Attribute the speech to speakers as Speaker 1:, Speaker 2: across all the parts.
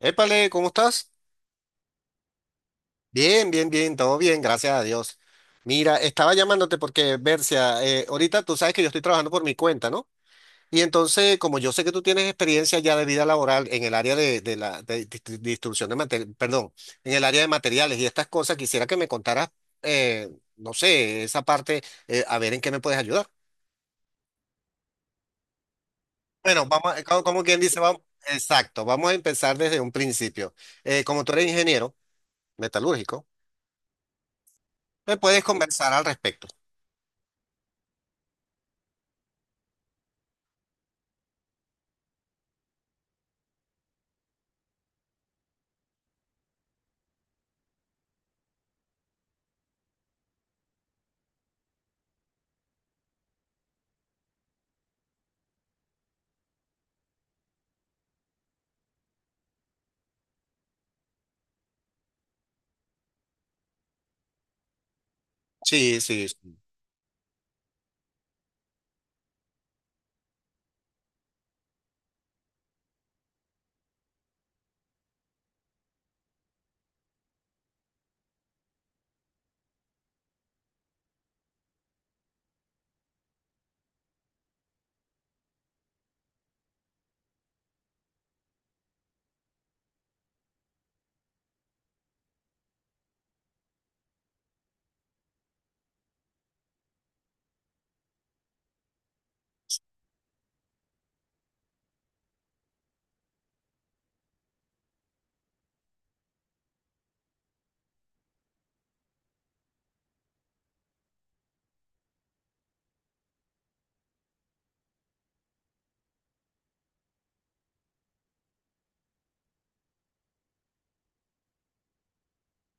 Speaker 1: Épale, ¿cómo estás? Bien, bien, bien, todo bien, gracias a Dios. Mira, estaba llamándote porque, Bercia, ahorita tú sabes que yo estoy trabajando por mi cuenta, ¿no? Y entonces, como yo sé que tú tienes experiencia ya de vida laboral en el área de distribución de materiales, perdón, en el área de materiales y estas cosas, quisiera que me contaras, eh, no sé, esa parte, a ver en qué me puedes ayudar. Bueno, vamos, como, como quien dice, vamos, exacto, vamos a empezar desde un principio. Como tú eres ingeniero metalúrgico, me puedes conversar al respecto. Sí, sí, sí.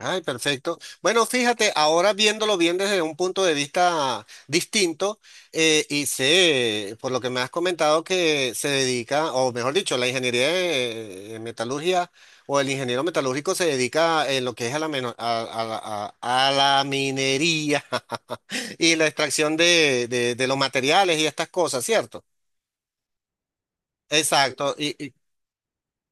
Speaker 1: Ay, perfecto. Bueno, fíjate, ahora viéndolo bien desde un punto de vista distinto, y sé, por lo que me has comentado, que se dedica, o mejor dicho, la ingeniería de, metalurgia o el ingeniero metalúrgico se dedica en lo que es a la, meno- a la minería y la extracción de los materiales y estas cosas, ¿cierto? Exacto.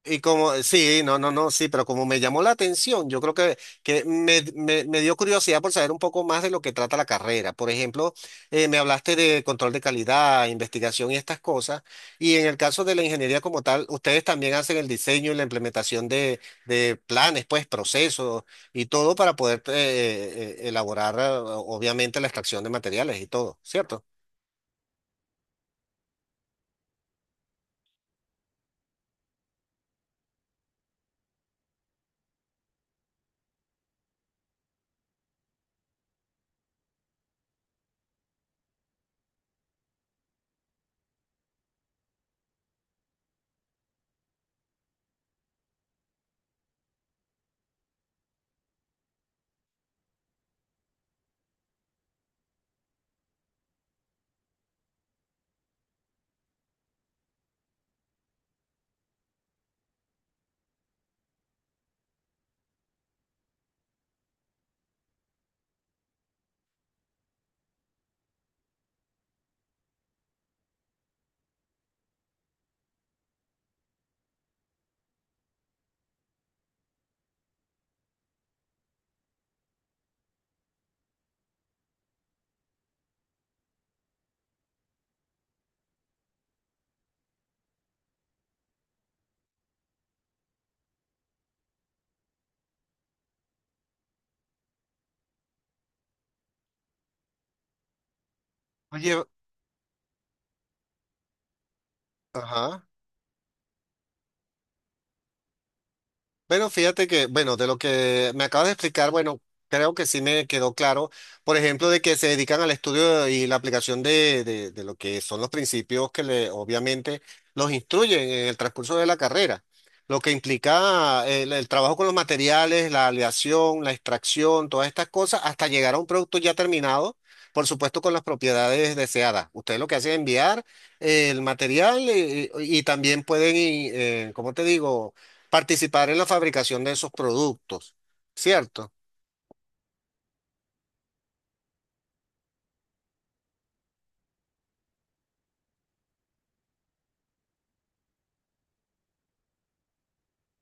Speaker 1: Y como, sí, no, no, no, sí, pero como me llamó la atención, yo creo que me dio curiosidad por saber un poco más de lo que trata la carrera. Por ejemplo, me hablaste de control de calidad, investigación y estas cosas. Y en el caso de la ingeniería como tal, ustedes también hacen el diseño y la implementación de planes, pues, procesos y todo para poder elaborar, obviamente, la extracción de materiales y todo, ¿cierto? Oye, ajá. Bueno, fíjate que, bueno, de lo que me acabas de explicar, bueno, creo que sí me quedó claro, por ejemplo, de que se dedican al estudio y la aplicación de lo que son los principios que le, obviamente los instruyen en el transcurso de la carrera, lo que implica el trabajo con los materiales, la aleación, la extracción, todas estas cosas, hasta llegar a un producto ya terminado, por supuesto, con las propiedades deseadas. Ustedes lo que hacen es enviar el material y también pueden, y, ¿cómo te digo? Participar en la fabricación de esos productos, ¿cierto?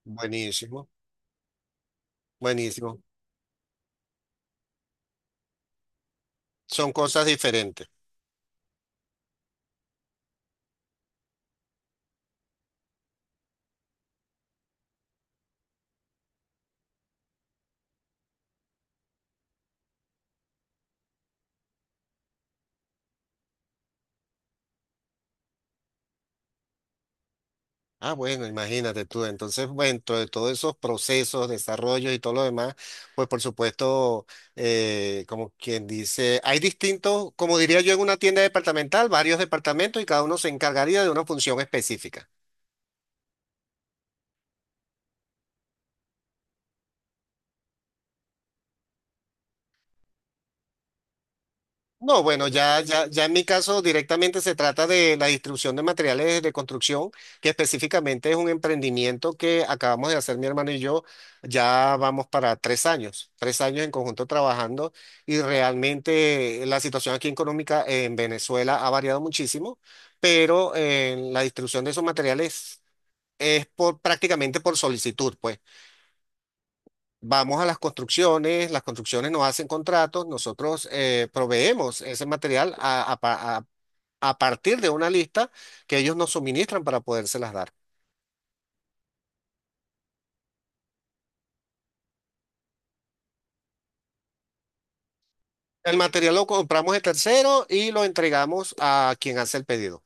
Speaker 1: Buenísimo, buenísimo. Son cosas diferentes. Ah, bueno, imagínate tú. Entonces, bueno, dentro de todos esos procesos, desarrollos y todo lo demás, pues por supuesto, como quien dice, hay distintos, como diría yo en una tienda departamental, varios departamentos y cada uno se encargaría de una función específica. No, bueno, ya en mi caso directamente se trata de la distribución de materiales de construcción, que específicamente es un emprendimiento que acabamos de hacer mi hermano y yo. Ya vamos para 3 años, 3 años en conjunto trabajando y realmente la situación aquí económica en Venezuela ha variado muchísimo, pero la distribución de esos materiales es por, prácticamente por solicitud, pues. Vamos a las construcciones nos hacen contratos, nosotros proveemos ese material a partir de una lista que ellos nos suministran para podérselas dar. El material lo compramos de tercero y lo entregamos a quien hace el pedido.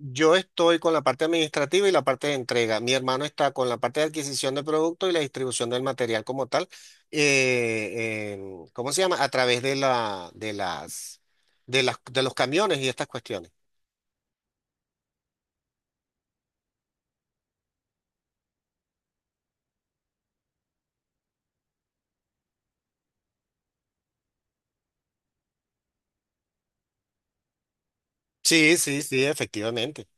Speaker 1: Yo estoy con la parte administrativa y la parte de entrega. Mi hermano está con la parte de adquisición de producto y la distribución del material como tal. ¿Cómo se llama? A través de la, de las, de las, de los camiones y estas cuestiones. Sí, sí, sí, efectivamente.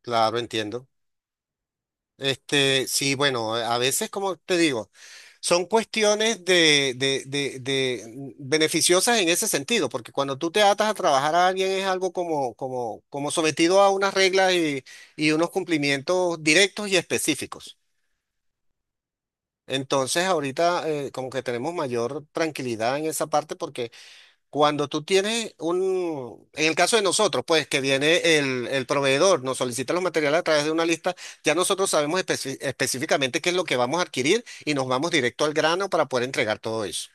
Speaker 1: Claro, entiendo. Este, sí, bueno, a veces, como te digo, son cuestiones de beneficiosas en ese sentido, porque cuando tú te atas a trabajar a alguien es algo como, como sometido a unas reglas y unos cumplimientos directos y específicos. Entonces, ahorita como que tenemos mayor tranquilidad en esa parte porque cuando tú tienes un, en el caso de nosotros, pues que viene el proveedor, nos solicita los materiales a través de una lista, ya nosotros sabemos específicamente qué es lo que vamos a adquirir y nos vamos directo al grano para poder entregar todo eso.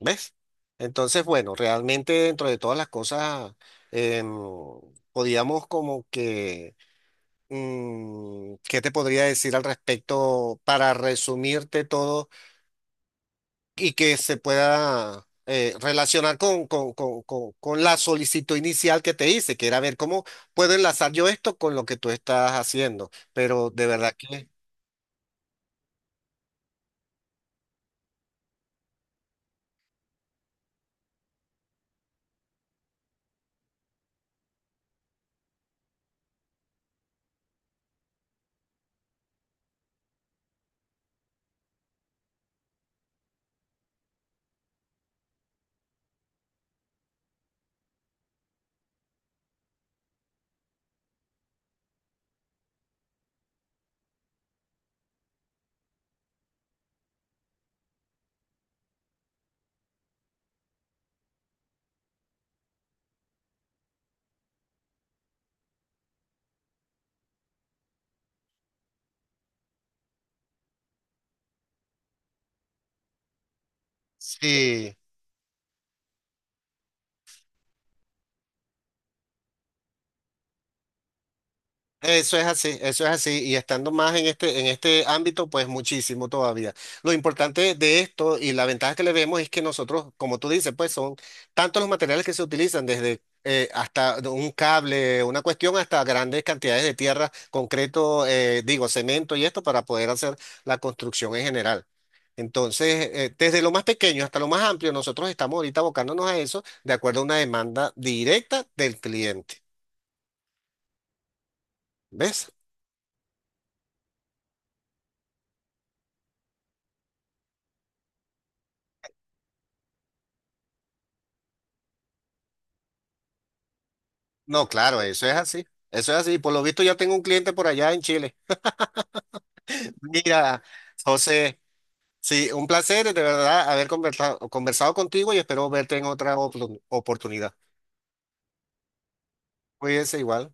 Speaker 1: ¿Ves? Entonces, bueno, realmente dentro de todas las cosas, em, podíamos como que, mm, ¿qué te podría decir al respecto para resumirte todo? Y que se pueda relacionar con la solicitud inicial que te hice, que era ver cómo puedo enlazar yo esto con lo que tú estás haciendo. Pero de verdad que sí. Eso es así, y estando más en este ámbito, pues muchísimo todavía. Lo importante de esto y la ventaja que le vemos es que nosotros, como tú dices, pues son tantos los materiales que se utilizan, desde hasta un cable, una cuestión, hasta grandes cantidades de tierra, concreto, digo, cemento y esto para poder hacer la construcción en general. Entonces, desde lo más pequeño hasta lo más amplio, nosotros estamos ahorita abocándonos a eso de acuerdo a una demanda directa del cliente. ¿Ves? No, claro, eso es así. Eso es así. Por lo visto ya tengo un cliente por allá en Chile. Mira, José, sí, un placer de verdad haber conversado, conversado contigo y espero verte en otra oportunidad. Cuídense igual.